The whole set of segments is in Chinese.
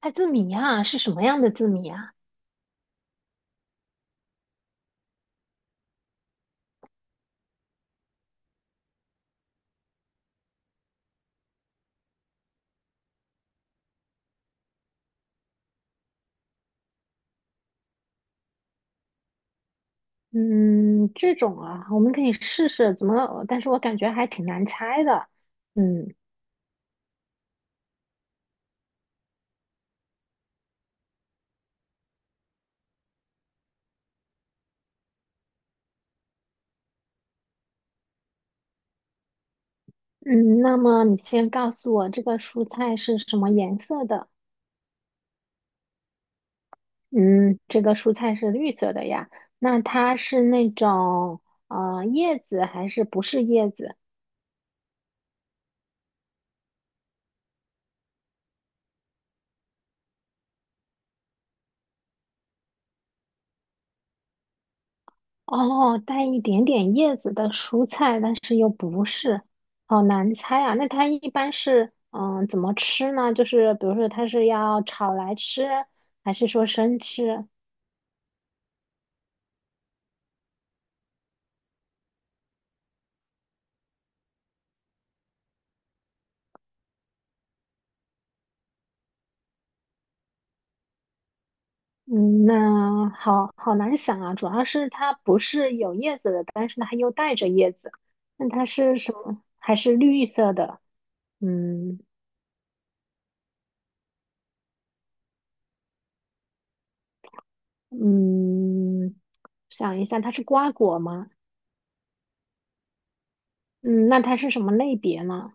猜字谜啊，是什么样的字谜啊？嗯，这种啊，我们可以试试怎么，但是我感觉还挺难猜的。嗯嗯，那么你先告诉我这个蔬菜是什么颜色的？嗯，这个蔬菜是绿色的呀。那它是那种叶子还是不是叶子？哦，带一点点叶子的蔬菜，但是又不是，好难猜啊。那它一般是怎么吃呢？就是比如说它是要炒来吃，还是说生吃？嗯，那好好难想啊。主要是它不是有叶子的，但是它又带着叶子。那它是什么？还是绿色的？嗯嗯，想一下，它是瓜果吗？嗯，那它是什么类别呢？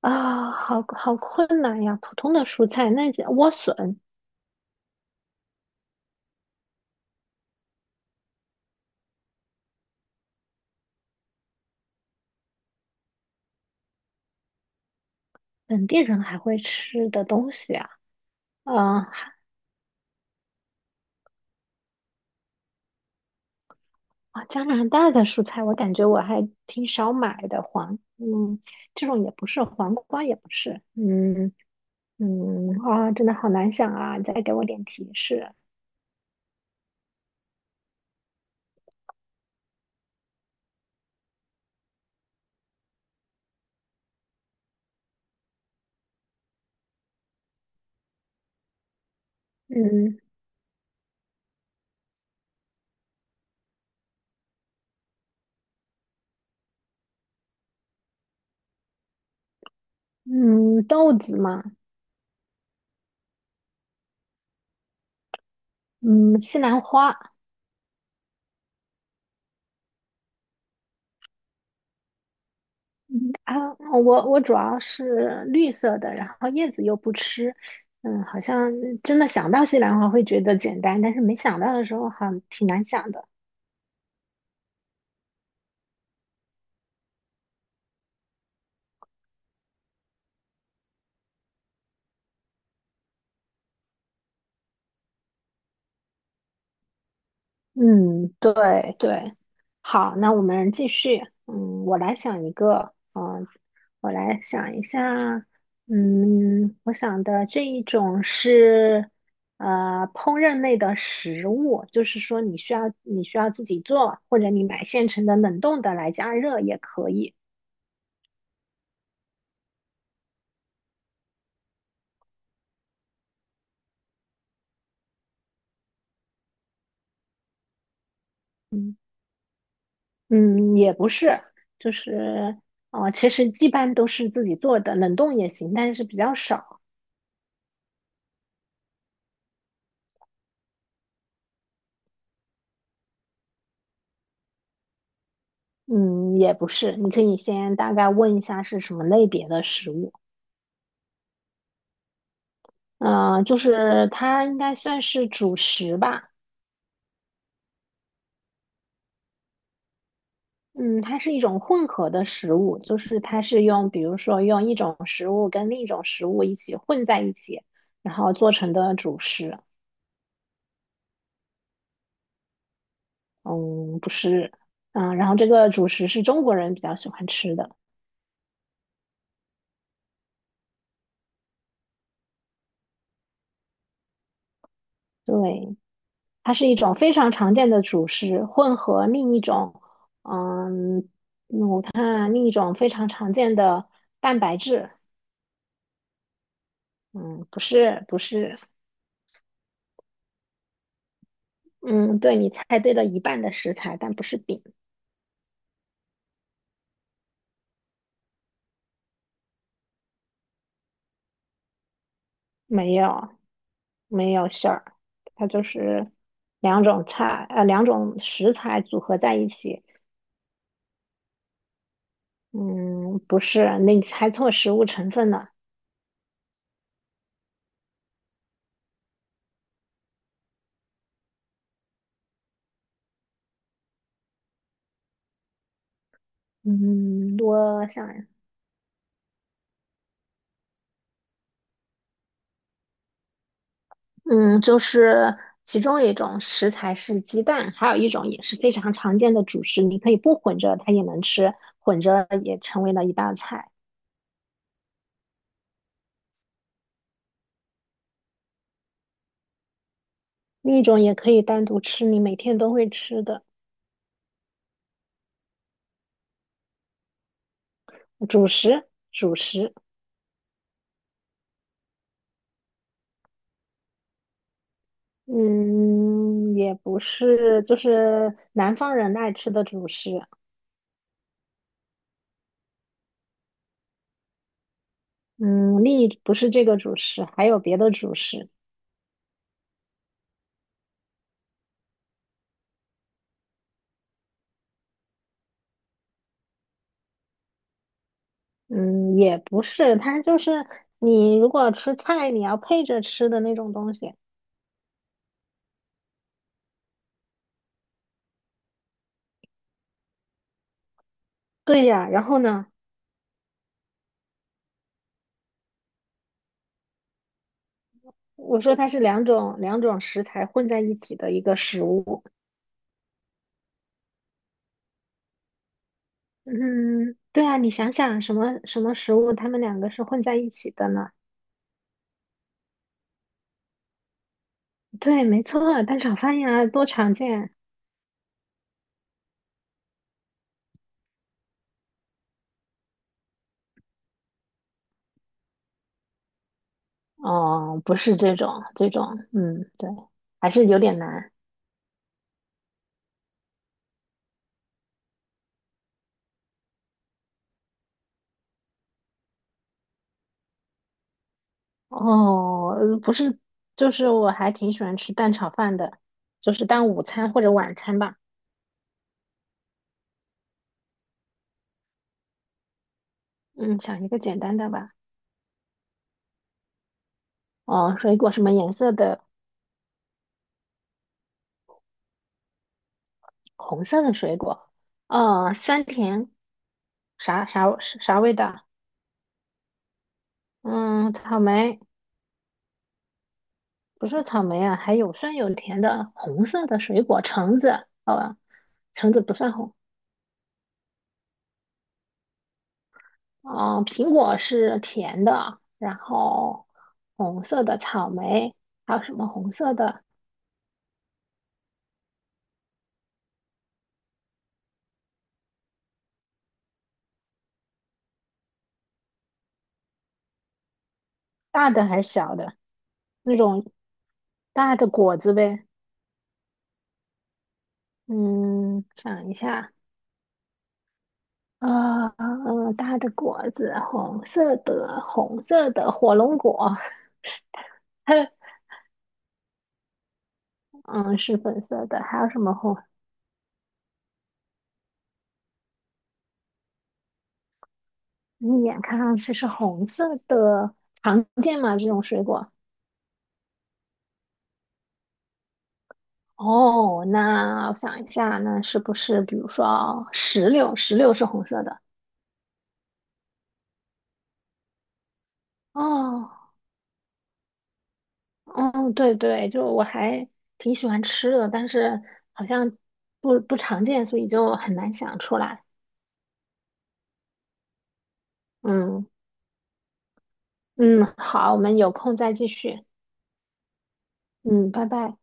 啊，好好困难呀！普通的蔬菜，那叫莴笋，本地人还会吃的东西啊。啊、啊，加拿大的蔬菜，我感觉我还挺少买的。黄，这种也不是，黄瓜也不是。嗯嗯，啊，真的好难想啊！再给我点提示。嗯嗯，豆子嘛，嗯，西兰花。嗯啊，我主要是绿色的，然后叶子又不吃，好像真的想到西兰花会觉得简单，但是没想到的时候好像挺难想的。嗯，对对，好，那我们继续。我来想一个，我来想一下，我想的这一种是烹饪类的食物，就是说你需要自己做，或者你买现成的冷冻的来加热也可以。嗯，也不是，就是其实一般都是自己做的，冷冻也行，但是比较少。嗯，也不是，你可以先大概问一下是什么类别的食物。就是它应该算是主食吧。嗯，它是一种混合的食物，就是它是用，比如说用一种食物跟另一种食物一起混在一起，然后做成的主食。嗯，不是。嗯，然后这个主食是中国人比较喜欢吃的。对，它是一种非常常见的主食，混合另一种。嗯，嗯，另一种非常常见的蛋白质，嗯，不是不是，嗯，对你猜对了一半的食材，但不是饼，没有没有馅儿，它就是两种菜，两种食材组合在一起，嗯，不是，那你猜错食物成分了，嗯，我想，嗯，就是其中一种食材是鸡蛋，还有一种也是非常常见的主食，你可以不混着它也能吃，混着也成为了一道菜。另一种也可以单独吃，你每天都会吃的主食，主食，嗯，也不是，就是南方人爱吃的主食，嗯，另一不是这个主食，还有别的主食，嗯，也不是，它就是你如果吃菜，你要配着吃的那种东西。对呀，然后呢，我说它是两种食材混在一起的一个食物，嗯，对啊，你想想什么食物，它们两个是混在一起的呢？对，没错，蛋炒饭呀，多常见。哦，不是这种，这种，嗯，对，还是有点难。哦，不是，就是我还挺喜欢吃蛋炒饭的，就是当午餐或者晚餐吧。嗯，想一个简单的吧。哦，水果什么颜色的？红色的水果。哦，酸甜，啥味道？嗯，草莓，不是草莓啊，还有酸有甜的红色的水果，橙子。好吧，橙子不算红。苹果是甜的，然后红色的草莓，还有什么红色的？大的还是小的？那种大的果子呗。嗯，想一下，啊、呃，大的果子，红色的，红色的火龙果，嗯，是粉色的。还有什么红？你一眼看上去是红色的，常见吗？这种水果？哦，那我想一下，那是不是比如说石榴？石榴是红色的。哦，嗯，对对，就我还挺喜欢吃的，但是好像不常见，所以就很难想出来。嗯嗯，好，我们有空再继续。嗯，拜拜。